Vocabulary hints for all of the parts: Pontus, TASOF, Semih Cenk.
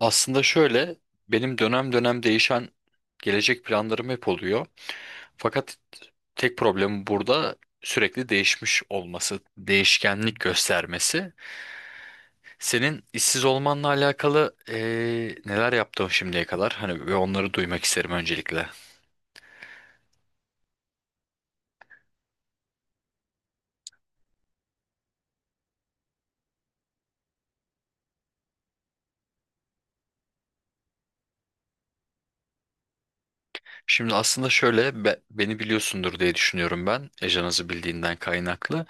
Aslında şöyle, benim dönem dönem değişen gelecek planlarım hep oluyor. Fakat tek problemi burada sürekli değişmiş olması, değişkenlik göstermesi. Senin işsiz olmanla alakalı neler yaptın şimdiye kadar? Hani ve onları duymak isterim öncelikle. Şimdi aslında şöyle beni biliyorsundur diye düşünüyorum ben. Ejanızı bildiğinden kaynaklı.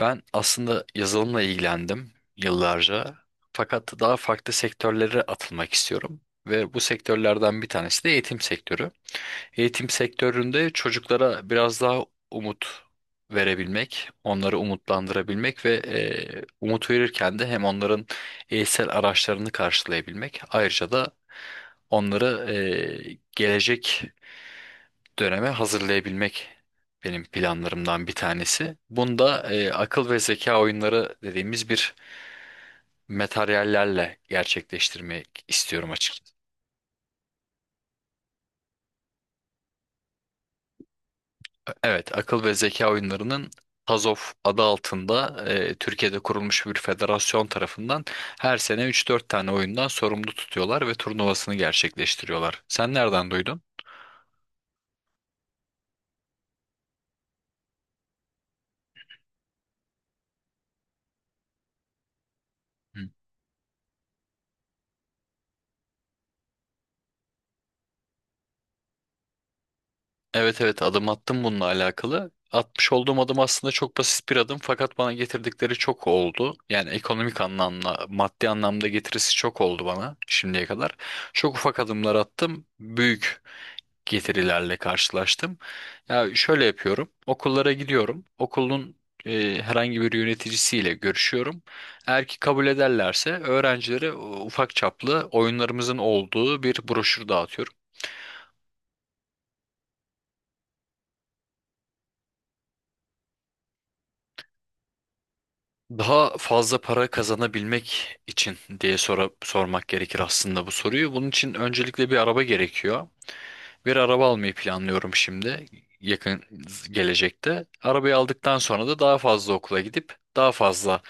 Ben aslında yazılımla ilgilendim yıllarca. Fakat daha farklı sektörlere atılmak istiyorum. Ve bu sektörlerden bir tanesi de eğitim sektörü. Eğitim sektöründe çocuklara biraz daha umut verebilmek, onları umutlandırabilmek ve umut verirken de hem onların eğitsel araçlarını karşılayabilmek, ayrıca da onları gelecek döneme hazırlayabilmek benim planlarımdan bir tanesi. Bunda akıl ve zeka oyunları dediğimiz bir materyallerle gerçekleştirmek istiyorum açıkçası. Evet, akıl ve zeka oyunlarının TASOF adı altında Türkiye'de kurulmuş bir federasyon tarafından her sene üç dört tane oyundan sorumlu tutuyorlar ve turnuvasını gerçekleştiriyorlar. Sen nereden duydun? Evet, evet, adım attım bununla alakalı. Atmış olduğum adım aslında çok basit bir adım, fakat bana getirdikleri çok oldu. Yani ekonomik anlamda, maddi anlamda getirisi çok oldu bana şimdiye kadar. Çok ufak adımlar attım, büyük getirilerle karşılaştım. Ya şöyle yapıyorum, okullara gidiyorum, okulun herhangi bir yöneticisiyle görüşüyorum. Eğer ki kabul ederlerse öğrencilere ufak çaplı oyunlarımızın olduğu bir broşür dağıtıyorum. Daha fazla para kazanabilmek için diye sormak gerekir aslında bu soruyu. Bunun için öncelikle bir araba gerekiyor. Bir araba almayı planlıyorum şimdi yakın gelecekte. Arabayı aldıktan sonra da daha fazla okula gidip daha fazla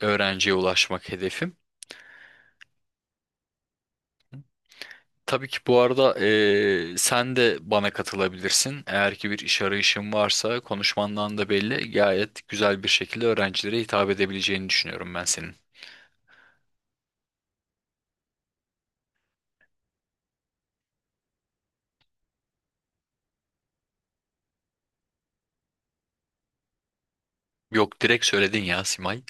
öğrenciye ulaşmak hedefim. Tabii ki bu arada sen de bana katılabilirsin. Eğer ki bir iş arayışın varsa konuşmandan da belli, gayet güzel bir şekilde öğrencilere hitap edebileceğini düşünüyorum ben senin. Yok, direkt söyledin ya Simay.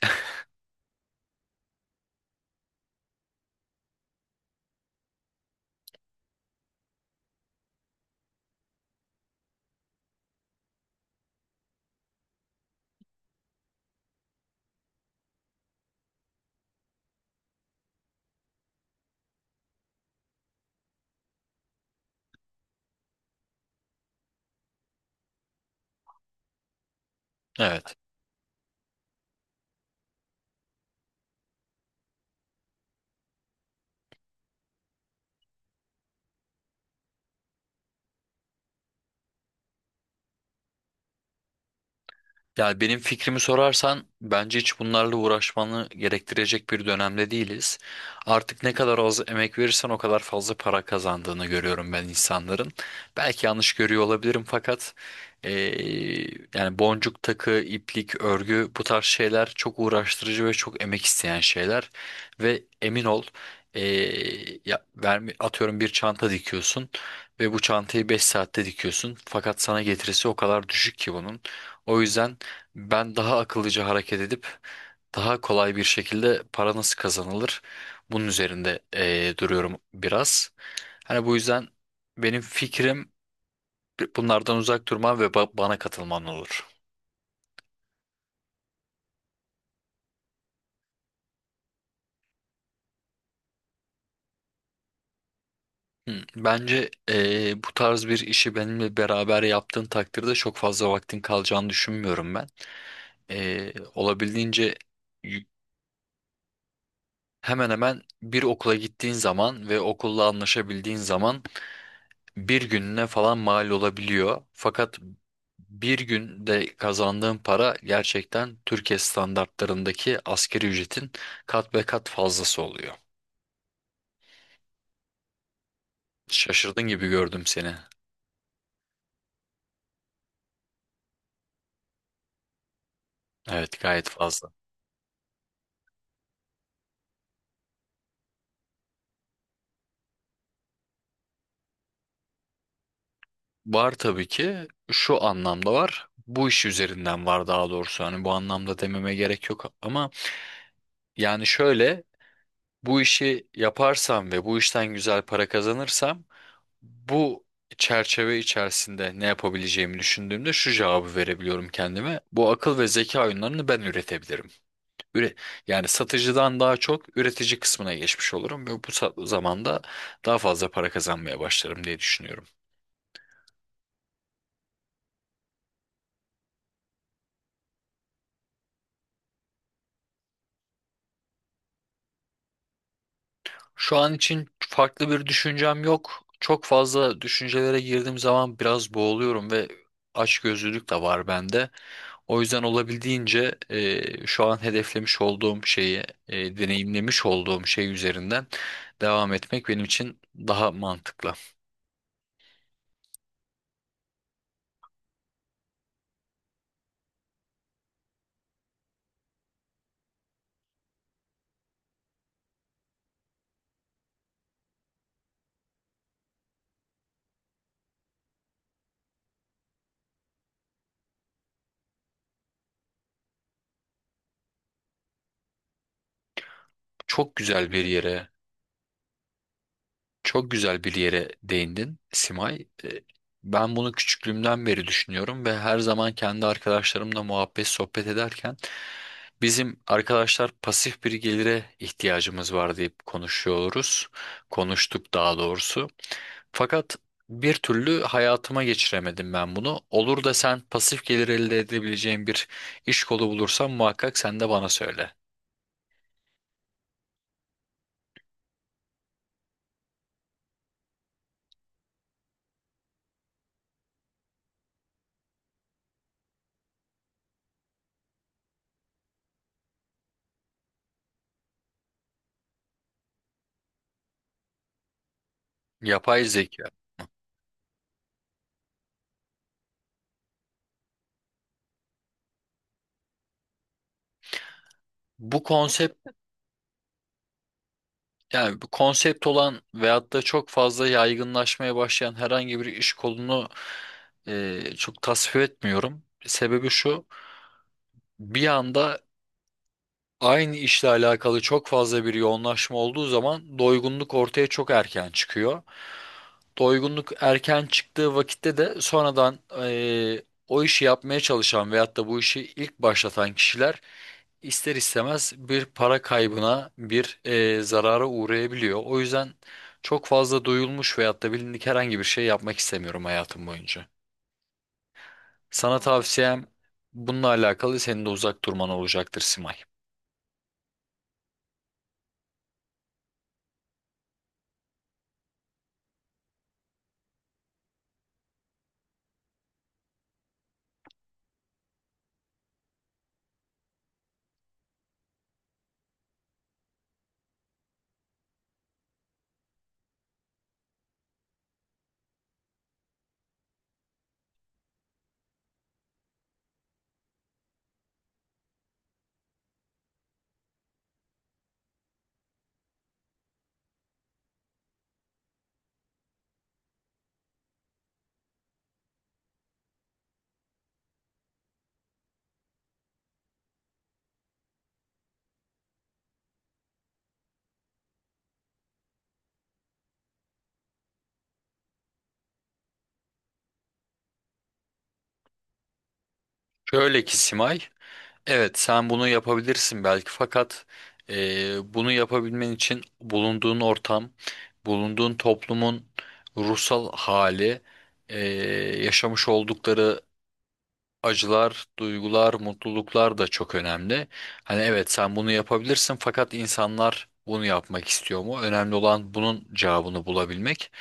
Evet. Yani benim fikrimi sorarsan bence hiç bunlarla uğraşmanı gerektirecek bir dönemde değiliz. Artık ne kadar az emek verirsen o kadar fazla para kazandığını görüyorum ben insanların. Belki yanlış görüyor olabilirim, fakat eee, yani boncuk takı, iplik, örgü bu tarz şeyler çok uğraştırıcı ve çok emek isteyen şeyler. Ve emin ol, atıyorum, bir çanta dikiyorsun ve bu çantayı 5 saatte dikiyorsun. Fakat sana getirisi o kadar düşük ki bunun. O yüzden ben daha akıllıca hareket edip daha kolay bir şekilde para nasıl kazanılır bunun üzerinde duruyorum biraz. Hani bu yüzden benim fikrim bunlardan uzak durman ve bana katılman olur. Hı, bence bu tarz bir işi benimle beraber yaptığın takdirde çok fazla vaktin kalacağını düşünmüyorum ben. Olabildiğince y- hemen hemen bir okula gittiğin zaman ve okulla anlaşabildiğin zaman bir gününe falan mal olabiliyor. Fakat bir günde kazandığın para gerçekten Türkiye standartlarındaki asgari ücretin kat be kat fazlası oluyor. Şaşırdın gibi gördüm seni. Evet, gayet fazla. Var tabii ki, şu anlamda var. Bu iş üzerinden var daha doğrusu. Hani bu anlamda dememe gerek yok ama yani şöyle, bu işi yaparsam ve bu işten güzel para kazanırsam bu çerçeve içerisinde ne yapabileceğimi düşündüğümde şu cevabı verebiliyorum kendime. Bu akıl ve zeka oyunlarını ben üretebilirim. Üre- Yani satıcıdan daha çok üretici kısmına geçmiş olurum ve bu zamanda daha fazla para kazanmaya başlarım diye düşünüyorum. Şu an için farklı bir düşüncem yok. Çok fazla düşüncelere girdiğim zaman biraz boğuluyorum ve açgözlülük de var bende. O yüzden olabildiğince şu an hedeflemiş olduğum şeyi, deneyimlemiş olduğum şey üzerinden devam etmek benim için daha mantıklı. Çok güzel bir yere çok güzel bir yere değindin Simay. Ben bunu küçüklüğümden beri düşünüyorum ve her zaman kendi arkadaşlarımla muhabbet sohbet ederken bizim arkadaşlar pasif bir gelire ihtiyacımız var deyip konuşuyoruz. Konuştuk daha doğrusu. Fakat bir türlü hayatıma geçiremedim ben bunu. Olur da sen pasif gelir elde edebileceğin bir iş kolu bulursan muhakkak sen de bana söyle. Yapay zeka. Bu konsept, yani bu konsept olan veyahut da çok fazla yaygınlaşmaya başlayan herhangi bir iş kolunu çok tasvip etmiyorum. Sebebi şu, bir anda aynı işle alakalı çok fazla bir yoğunlaşma olduğu zaman doygunluk ortaya çok erken çıkıyor, doygunluk erken çıktığı vakitte de sonradan o işi yapmaya çalışan veyahut da bu işi ilk başlatan kişiler ister istemez bir para kaybına, bir zarara uğrayabiliyor. O yüzden çok fazla duyulmuş veyahut da bilindik herhangi bir şey yapmak istemiyorum hayatım boyunca. Sana tavsiyem bununla alakalı senin de uzak durman olacaktır Simay. Şöyle ki Simay, evet, sen bunu yapabilirsin belki, fakat bunu yapabilmen için bulunduğun ortam, bulunduğun toplumun ruhsal hali, yaşamış oldukları acılar, duygular, mutluluklar da çok önemli. Hani evet, sen bunu yapabilirsin fakat insanlar bunu yapmak istiyor mu? Önemli olan bunun cevabını bulabilmek.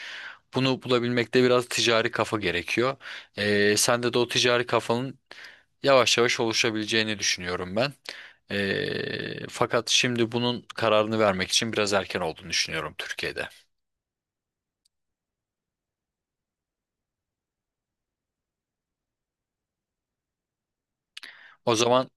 Bunu bulabilmekte biraz ticari kafa gerekiyor. Sende de o ticari kafanın yavaş yavaş oluşabileceğini düşünüyorum ben. Fakat şimdi bunun kararını vermek için biraz erken olduğunu düşünüyorum Türkiye'de. O zaman,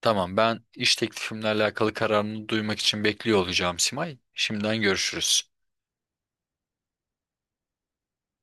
tamam, ben iş teklifimle alakalı kararını duymak için bekliyor olacağım Simay. Şimdiden görüşürüz.